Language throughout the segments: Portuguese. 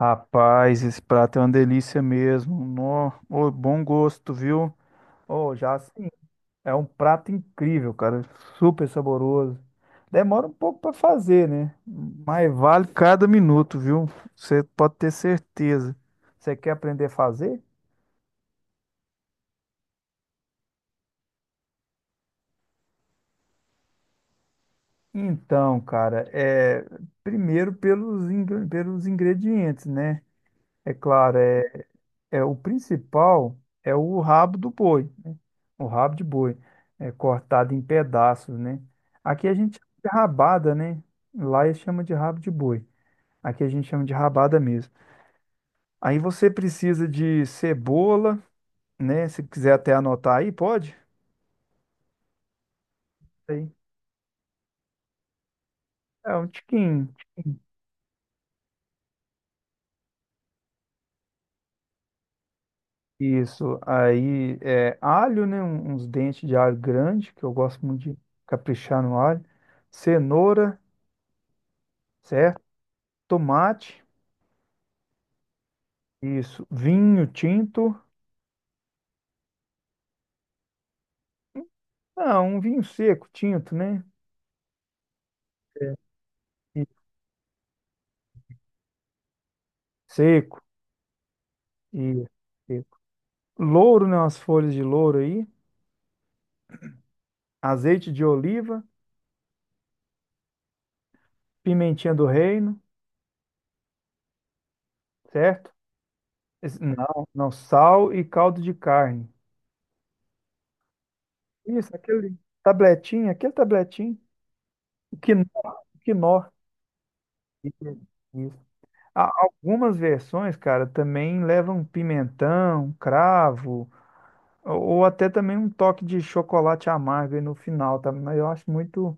Rapaz, esse prato é uma delícia mesmo. Nó, ô, bom gosto, viu? Ô, já assim, é um prato incrível, cara. Super saboroso. Demora um pouco para fazer, né? Mas vale cada minuto, viu? Você pode ter certeza. Você quer aprender a fazer? Então, cara, é primeiro pelos, pelos ingredientes, né? É claro, é o principal é o rabo do boi, né? O rabo de boi é cortado em pedaços, né? Aqui a gente chama de rabada, né? Lá eles chamam de rabo de boi. Aqui a gente chama de rabada mesmo. Aí você precisa de cebola, né? Se quiser até anotar aí, pode? Aí. É um tiquinho. Isso. Aí é alho, né? Uns dentes de alho grande, que eu gosto muito de caprichar no alho. Cenoura, certo? Tomate. Isso. Vinho tinto. Ah, um vinho seco, tinto, né? E seco. E seco. Louro, né? Umas folhas de louro aí. Azeite de oliva. Pimentinha do reino, certo? Não, não. Sal e caldo de carne. Isso, aquele tabletinho. O quinó. O quinó. Isso. Isso. Algumas versões, cara, também levam pimentão, cravo, ou até também um toque de chocolate amargo aí no final, tá? Mas eu acho muito.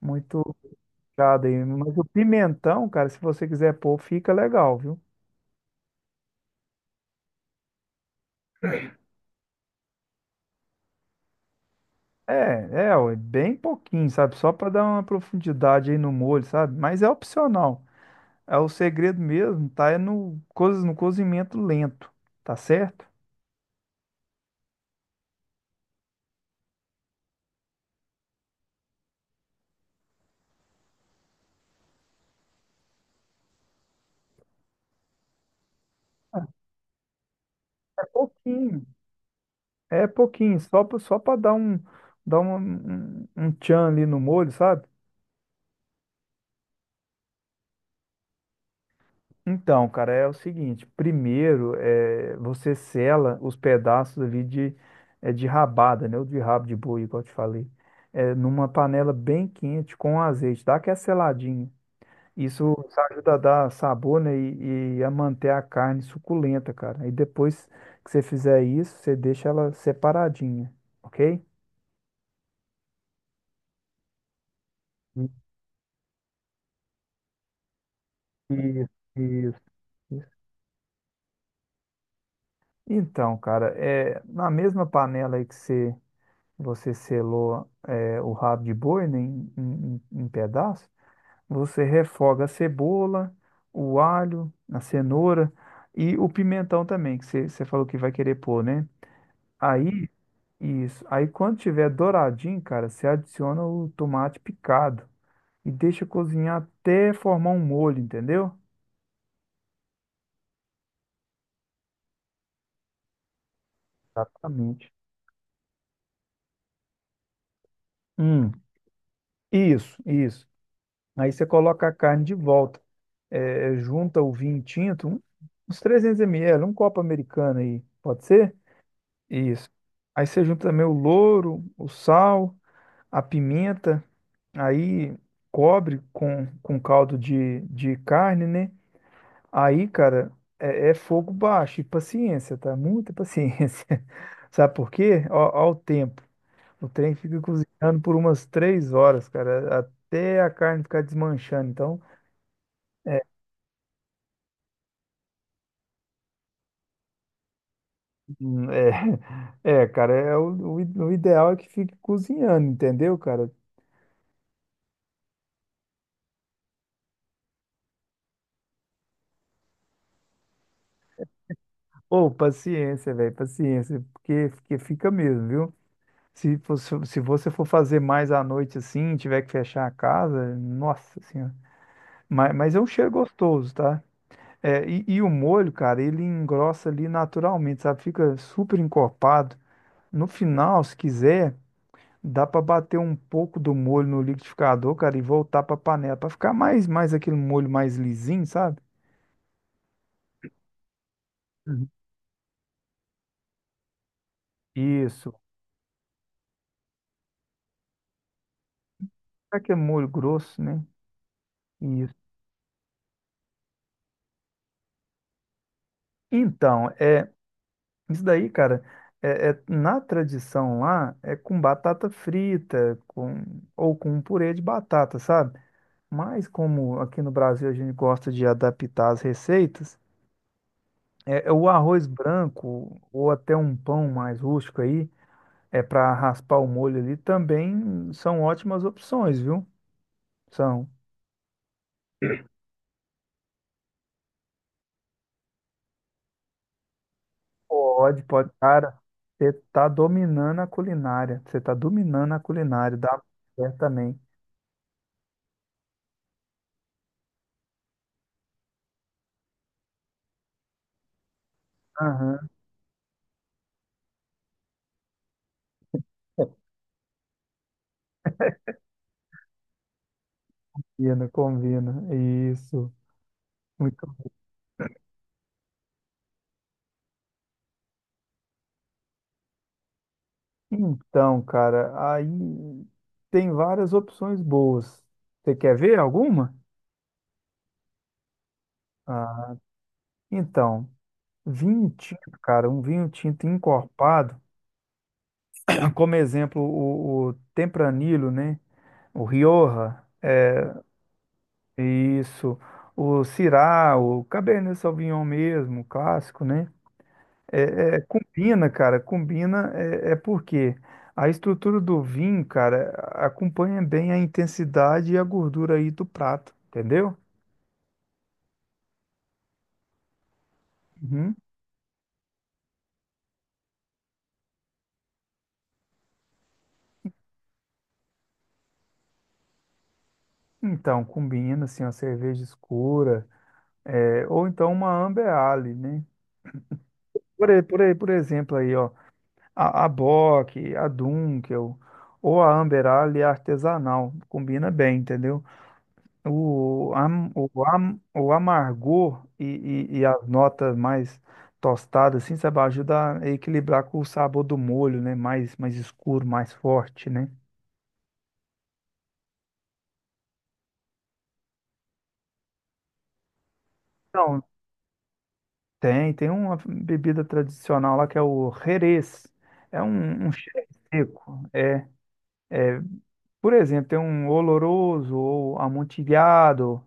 Muito complicado aí. Mas o pimentão, cara, se você quiser pôr, fica legal, viu? É, Ó, é bem pouquinho, sabe? Só para dar uma profundidade aí no molho, sabe? Mas é opcional. É o segredo mesmo, tá? É no, coisas no cozimento lento, tá certo? É pouquinho. É pouquinho, só para dar um, tchan ali no molho, sabe? Então, cara, é o seguinte: primeiro, você sela os pedaços ali de, de rabada, né? Ou de rabo de boi, igual eu te falei, numa panela bem quente com azeite, dá aquela seladinha. Isso ajuda a dar sabor, né? E a manter a carne suculenta, cara. E depois que você fizer isso, você deixa ela separadinha, ok? Isso, isso, isso. Então, cara, é, na mesma panela aí que você selou é, o rabo de boi, né, em, em, em pedaços, você refoga a cebola, o alho, a cenoura e o pimentão também, que você falou que vai querer pôr, né? Aí, isso. Aí quando tiver douradinho, cara, você adiciona o tomate picado e deixa cozinhar até formar um molho, entendeu? Exatamente. Hum, isso, isso. Aí você coloca a carne de volta. É, junta o vinho tinto, uns 300 ml, um copo americano aí, pode ser? Isso. Aí você junta também o louro, o sal, a pimenta, aí cobre com caldo de carne, né? Aí, cara, é, é fogo baixo e paciência, tá? Muita paciência. Sabe por quê? Ó, ó o tempo. O trem fica cozinhando por umas três horas, cara, até a carne ficar desmanchando. Então, hum, é, é, cara, é o, o ideal é que fique cozinhando, entendeu, cara? Ou paciência, velho, paciência, porque fica mesmo, viu? Se fosse, se você for fazer mais à noite assim, tiver que fechar a casa, nossa senhora. Mas é um cheiro gostoso, tá? É, e o molho, cara, ele engrossa ali naturalmente, sabe? Fica super encorpado. No final, se quiser. Dá pra bater um pouco do molho no liquidificador, cara, e voltar pra panela pra ficar mais aquele molho mais lisinho, sabe? Uhum. Isso. É que é molho grosso, né? Isso. Então, é isso daí, cara. É, na tradição lá é com batata frita, com ou com um purê de batata, sabe? Mas como aqui no Brasil a gente gosta de adaptar as receitas, é, é o arroz branco ou até um pão mais rústico aí. É para raspar o molho ali, também são ótimas opções, viu? São. Pode, pode. Cara, você tá dominando a culinária. Você tá dominando a culinária da mulher também. Aham. Combina, combina. Isso. Muito bom. Então, cara, aí tem várias opções boas. Você quer ver alguma? Ah, então, vinho tinto, cara, um vinho tinto encorpado, como exemplo, o Tempranillo, né? O Rioja, é, isso. O Syrah, o Cabernet Sauvignon mesmo, o clássico, né? É, é, combina, cara, combina, é, é porque a estrutura do vinho, cara, acompanha bem a intensidade e a gordura aí do prato, entendeu? Uhum. Então, combina, assim, uma cerveja escura, é, ou então uma Amber Ale, né? Por exemplo aí, ó. A Bock, a Dunkel ou a Amber Ale artesanal. Combina bem, entendeu? O amargor e as notas mais tostadas, assim, sabe, ajuda a equilibrar com o sabor do molho, né? Mais escuro, mais forte, né? Então, tem uma bebida tradicional lá que é o Jerez. É um cheiro seco. Por exemplo, tem um oloroso ou amontilhado.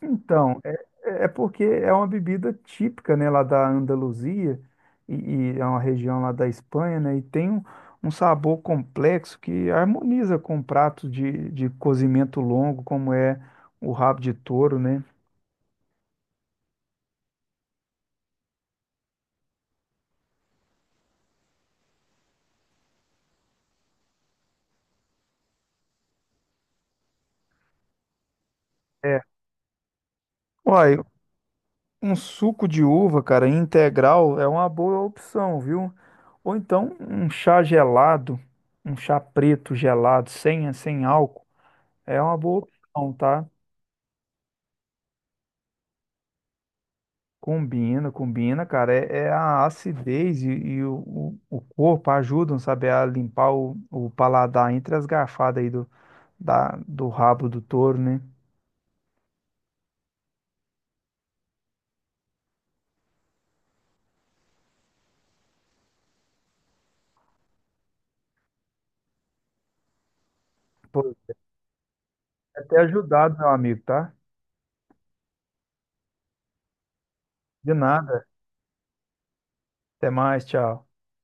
Então, é, é porque é uma bebida típica, né, lá da Andaluzia e, e é uma região lá da Espanha, né, e tem um, um sabor complexo que harmoniza com pratos de cozimento longo, como é o rabo de touro, né? É. Olha, um suco de uva, cara, integral é uma boa opção, viu? Ou então um chá gelado, um chá preto gelado, sem álcool, é uma boa opção, tá? Combina, combina, cara. É, é a acidez e o, o corpo ajudam, sabe, a limpar o paladar entre as garfadas aí do rabo do touro, né? Pô, até ajudado, meu amigo, tá? De nada. Até mais, tchau.